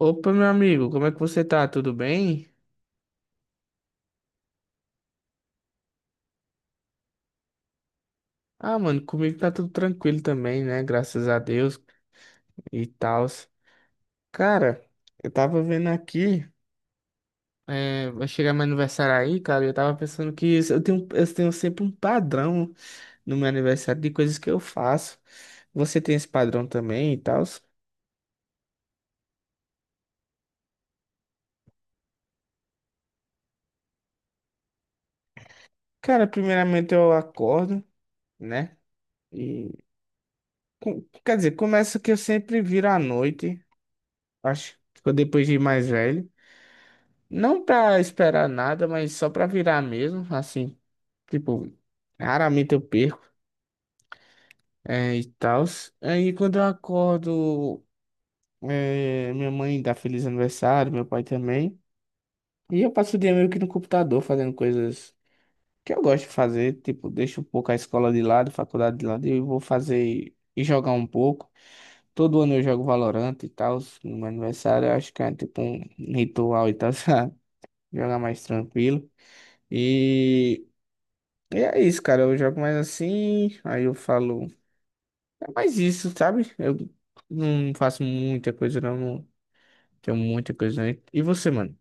Opa, meu amigo, como é que você tá? Tudo bem? Ah, mano, comigo tá tudo tranquilo também, né? Graças a Deus e tal. Cara, eu tava vendo aqui, é, vai chegar meu aniversário aí, cara, e eu tava pensando que eu tenho sempre um padrão no meu aniversário de coisas que eu faço. Você tem esse padrão também e tal? Cara, primeiramente eu acordo, né? E quer dizer, começa que eu sempre viro à noite, acho que depois de mais velho. Não pra esperar nada, mas só pra virar mesmo, assim, tipo, raramente eu perco, é, e tal. Aí quando eu acordo, é, minha mãe dá feliz aniversário, meu pai também. E eu passo o dia meio que no computador fazendo coisas que eu gosto de fazer, tipo, deixo um pouco a escola de lado, a faculdade de lado, e eu vou fazer e jogar um pouco. Todo ano eu jogo Valorant e tal, no meu aniversário, eu acho que é tipo um ritual e tal, sabe? Jogar mais tranquilo. E E é isso, cara. Eu jogo mais assim, aí eu falo. É mais isso, sabe? Eu não faço muita coisa, não. Não tenho muita coisa. Não. E você, mano?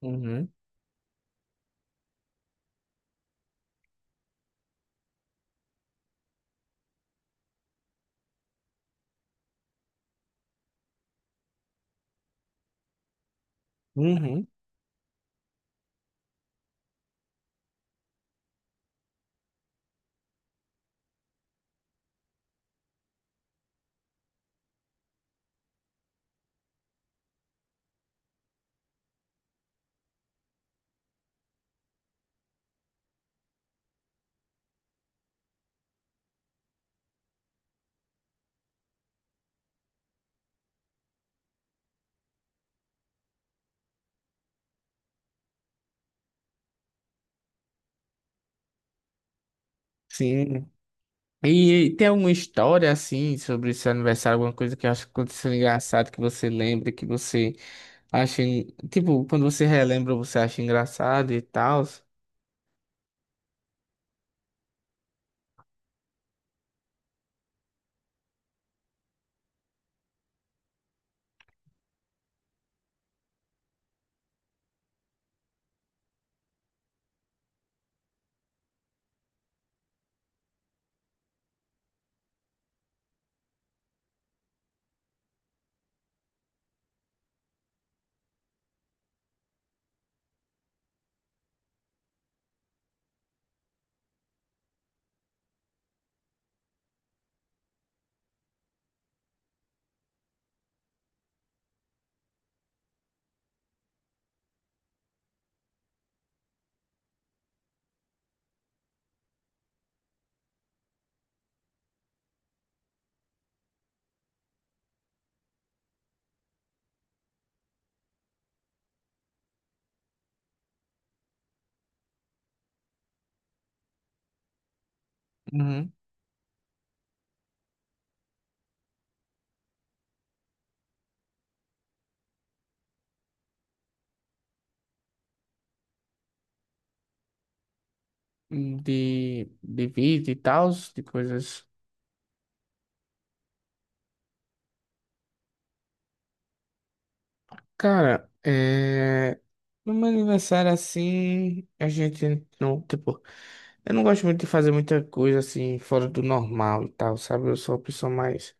Uhum. Uhum. Sim. E tem alguma história assim sobre seu aniversário, alguma coisa que acha que aconteceu engraçado que você lembra, que você acha, tipo, quando você relembra, você acha engraçado e tal, Uhum. De vida e tal, de coisas. Cara, é. No meu aniversário, assim, a gente não, tipo, eu não gosto muito de fazer muita coisa, assim, fora do normal e tal, sabe? Eu sou uma pessoa mais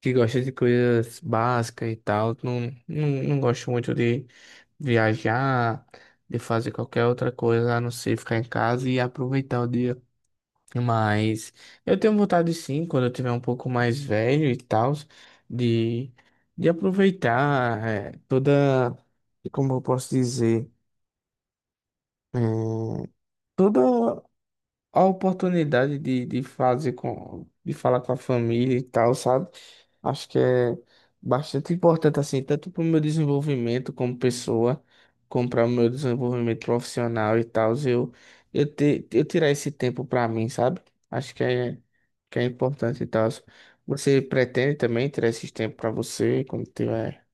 que gosta de coisas básicas e tal. Não, não gosto muito de viajar, de fazer qualquer outra coisa, a não ser ficar em casa e aproveitar o dia. Mas eu tenho vontade, sim, quando eu tiver um pouco mais velho e tal, de, de aproveitar, toda, como eu posso dizer. eh, Toda a oportunidade de fazer com, de falar com a família e tal, sabe? Acho que é bastante importante, assim, tanto para o meu desenvolvimento como pessoa, como para o meu desenvolvimento profissional e tal, eu, eu tirar esse tempo para mim, sabe? Acho que é importante e tal. Você pretende também tirar esse tempo para você quando tiver?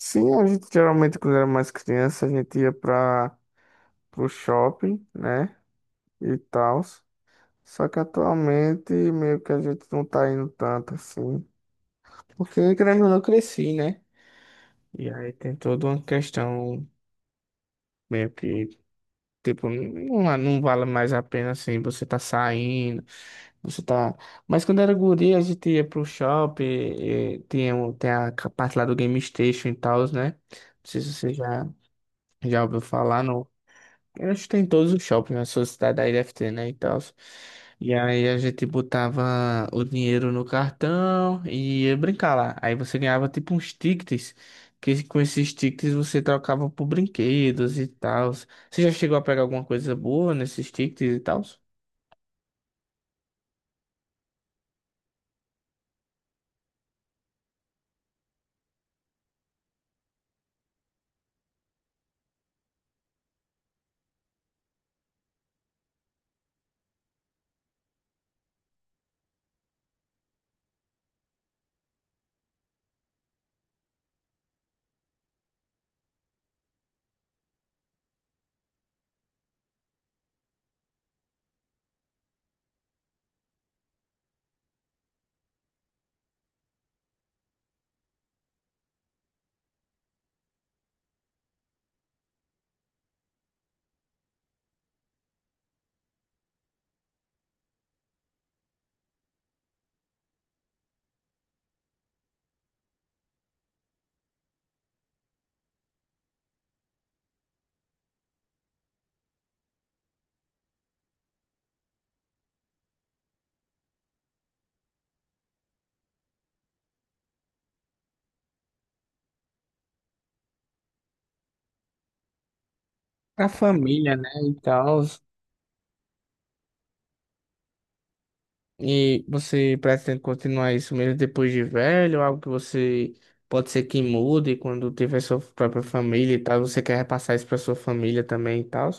Sim, a gente geralmente quando era mais criança, a gente ia para o shopping, né? E tal. Só que atualmente meio que a gente não tá indo tanto assim. Porque querendo ou não, eu cresci, né? E aí tem toda uma questão meio que, tipo, não, é, não vale mais a pena assim, você tá saindo, você tá. Mas quando era guri, a gente ia pro shopping, e tem a parte lá do Game Station e tal, né? Não sei se você já, já ouviu falar, eu acho que tem em todos os shoppings na sua cidade aí deve ter, né, e tal. E aí a gente botava o dinheiro no cartão e ia brincar lá. Aí você ganhava tipo uns tickets, que com esses tickets você trocava por brinquedos e tal. Você já chegou a pegar alguma coisa boa nesses tickets e tal? A família, né, e tal. E você pretende continuar isso mesmo depois de velho? Algo que você pode ser que mude quando tiver sua própria família e tal? Você quer repassar isso para sua família também e tal?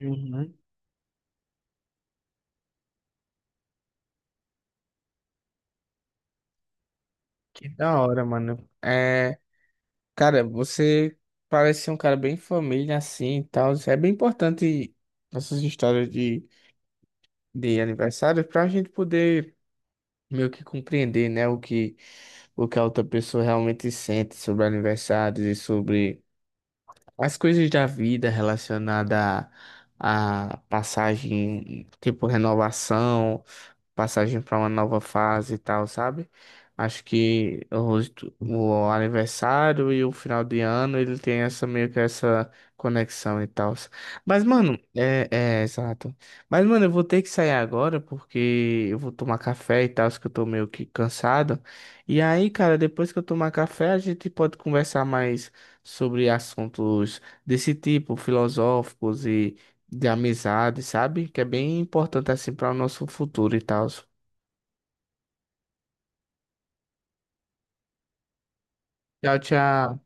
Uhum. Que da hora, mano. É, cara, você parece ser um cara bem família assim e tal. É bem importante essas histórias de aniversário pra gente poder. Meio que compreender, né, o que a outra pessoa realmente sente sobre aniversários e sobre as coisas da vida relacionada à à passagem, tipo renovação, passagem para uma nova fase e tal, sabe? Acho que o aniversário e o final de ano ele tem essa meio que essa conexão e tal. Mas, mano, é, é exato. Mas, mano, eu vou ter que sair agora porque eu vou tomar café e tal, que eu tô meio que cansado. E aí, cara, depois que eu tomar café, a gente pode conversar mais sobre assuntos desse tipo, filosóficos de amizade, sabe? Que é bem importante assim para o nosso futuro e tal. Tchau, tchau.